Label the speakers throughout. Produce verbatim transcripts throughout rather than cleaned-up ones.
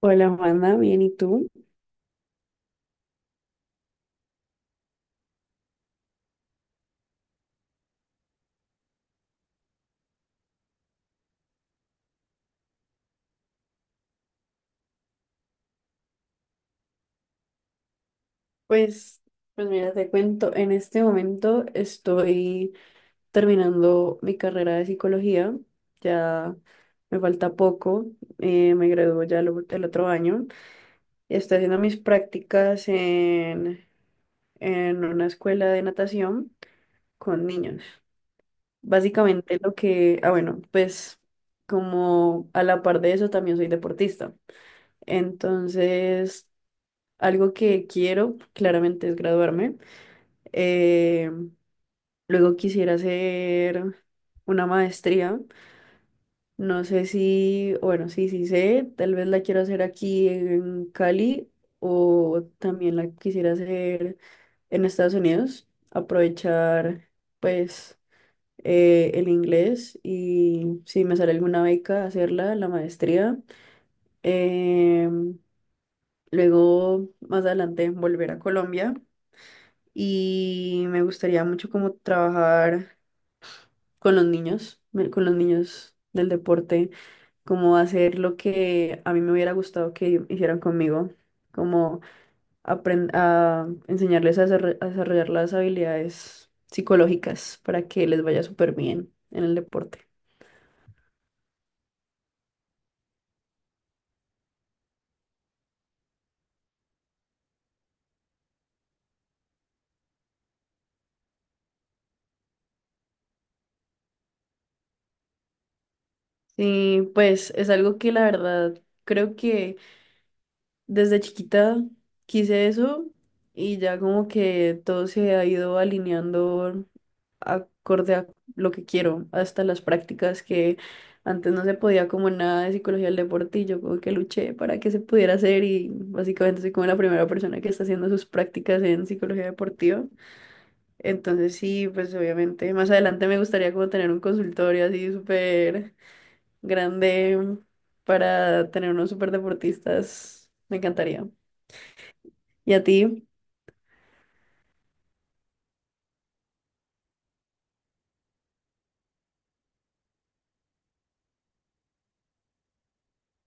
Speaker 1: Hola, Juana, bien, ¿y tú? Pues, pues mira, te cuento, en este momento estoy terminando mi carrera de psicología, ya me falta poco, eh, me gradúo ya el, o- el otro año, estoy haciendo mis prácticas en, en una escuela de natación con niños. Básicamente lo que, ah, bueno, pues como a la par de eso también soy deportista, entonces algo que quiero claramente es graduarme. Eh, Luego quisiera hacer una maestría. No sé si, bueno, sí, sí sé, tal vez la quiero hacer aquí en Cali o también la quisiera hacer en Estados Unidos. Aprovechar, pues, eh, el inglés y si me sale alguna beca, hacerla, la maestría. Em, Luego, más adelante, volver a Colombia y me gustaría mucho como trabajar con los niños, me- con los niños del deporte, como hacer lo que a mí me hubiera gustado que hicieran conmigo, como apren- a enseñarles a desarro- a desarrollar las habilidades psicológicas para que les vaya súper bien en el deporte. Sí, pues es algo que la verdad creo que desde chiquita quise eso y ya como que todo se ha ido alineando acorde a lo que quiero, hasta las prácticas que antes no se podía como nada de psicología del deporte y yo como que luché para que se pudiera hacer y básicamente soy como la primera persona que está haciendo sus prácticas en psicología deportiva. Entonces sí, pues obviamente más adelante me gustaría como tener un consultorio así súper grande para tener unos súper deportistas. Me encantaría. ¿Y a ti?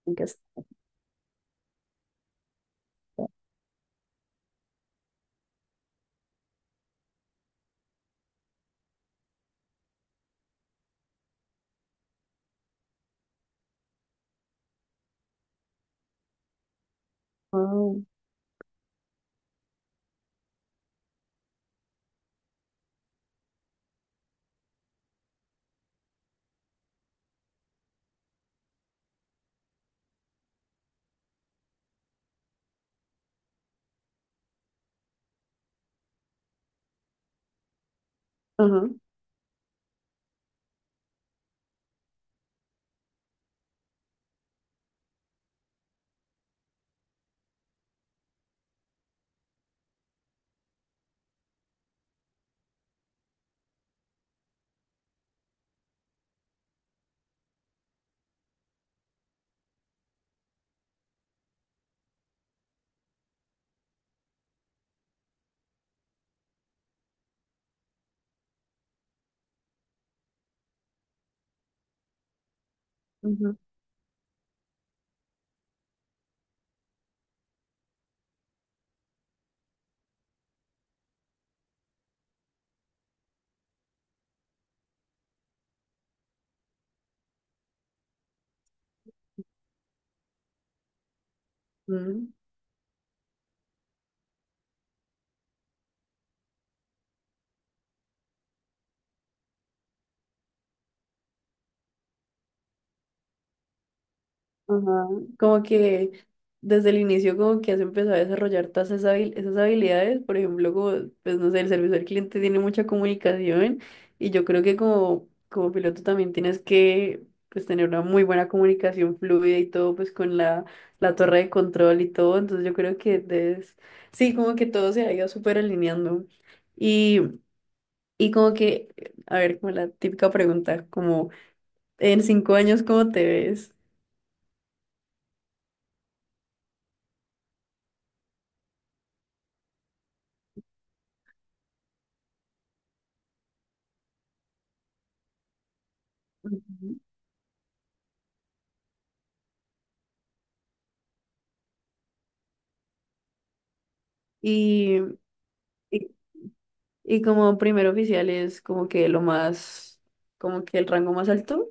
Speaker 1: Me encanta. Wow. Ajá. Ujú. Ajá. Como que desde el inicio como que has empezado a desarrollar todas esas habil- esas habilidades, por ejemplo, como, pues no sé, el servicio al cliente tiene mucha comunicación y yo creo que como, como piloto también tienes que pues tener una muy buena comunicación fluida y todo pues con la, la torre de control y todo, entonces yo creo que debes, sí, como que todo se ha ido súper alineando y, y como que, a ver, como la típica pregunta, como en cinco años, ¿cómo te ves? Ujú. Y, y y como primer oficial es como que lo más, como que el rango más alto.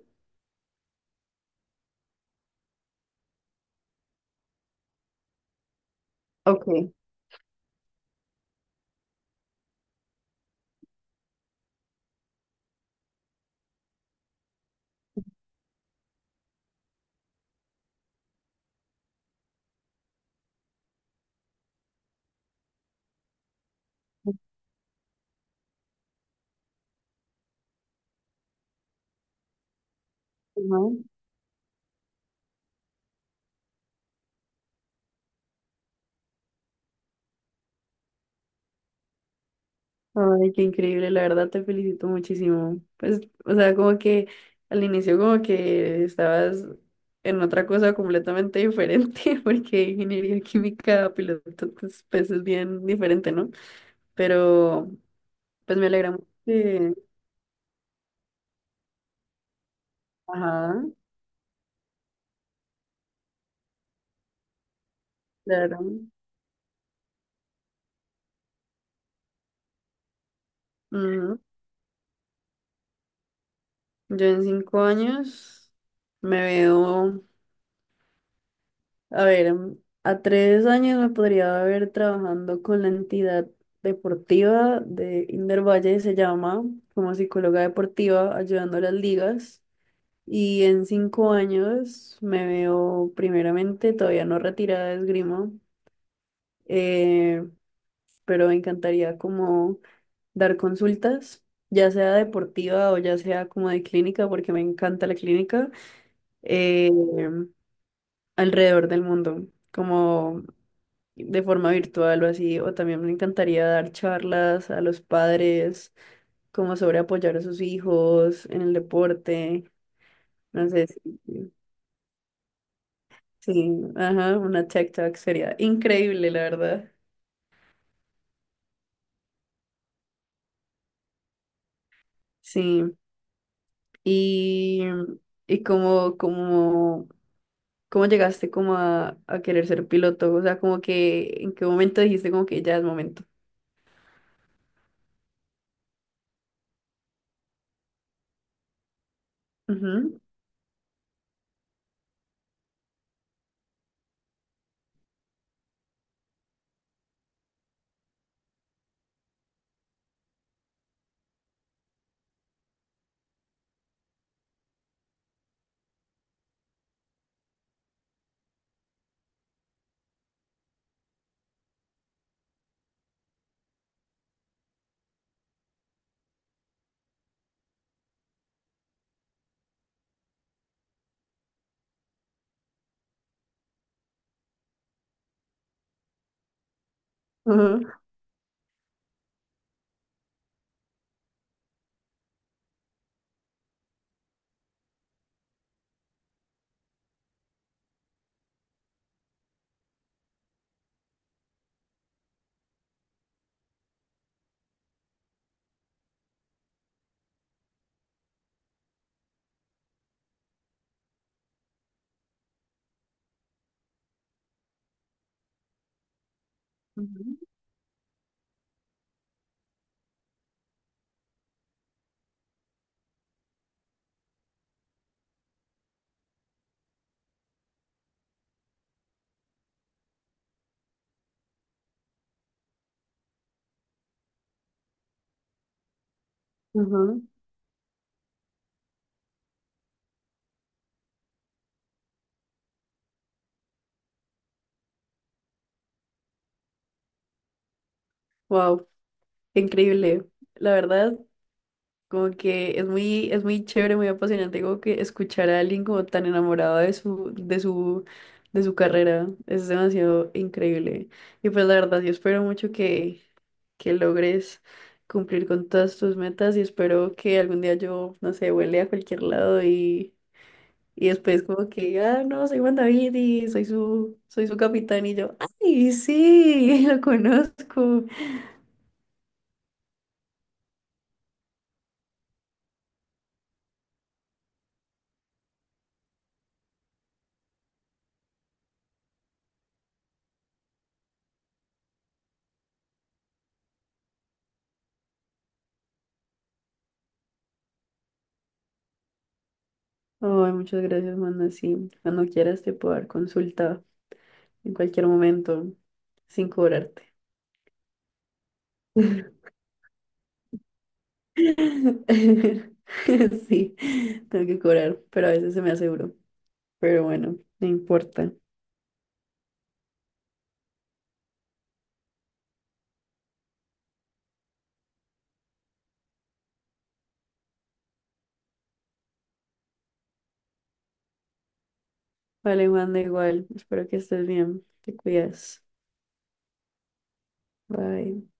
Speaker 1: Ok. Ujú. Ay, qué increíble, la verdad te felicito muchísimo. Pues, o sea, como que al inicio como que estabas en otra cosa completamente diferente, porque ingeniería química, piloto, pues, pues es bien diferente, ¿no? Pero, pues me alegra mucho que, ajá, claro. Ujú. Yo en cinco años me veo a ver, mm, a tres años me podría haber trabajando con la entidad deportiva de Inder Valle, se llama, como psicóloga deportiva, ayudando a las ligas. Y en cinco años me veo primeramente todavía no retirada de esgrima, eh, pero me encantaría como dar consultas, ya sea deportiva o ya sea como de clínica, porque me encanta la clínica, eh, alrededor del mundo. Como de forma virtual o así, o también me encantaría dar charlas a los padres como sobre apoyar a sus hijos en el deporte, no sé, sí, sí, sí, ajá, una tech talk sería increíble, la verdad. Sí, y, y cómo, cómo, cómo llegaste como a, a querer ser piloto, o sea, como que en qué momento dijiste como que ya es momento. Ujú, ujú, ujú, ujú. Wow, qué increíble. La verdad, como que es muy, es muy chévere, muy apasionante, como que escuchar a alguien como tan enamorado de su, de su, de su carrera. Es demasiado increíble. Y pues la verdad, yo espero mucho que, que logres cumplir con todas tus metas y espero que algún día yo, no sé, vuele a cualquier lado y, y después como que, ah, no, soy Juan David y soy su, soy su capitán y yo, ay, sí, lo conozco. Ay, muchas gracias, Manda. Sí, cuando quieras te puedo dar consulta en cualquier momento, sin cobrarte. Sí, tengo que cobrar, pero a veces se me hace duro. Pero bueno, no importa. Vale, Juan, da igual. Espero que estés bien. Te cuidas. Bye.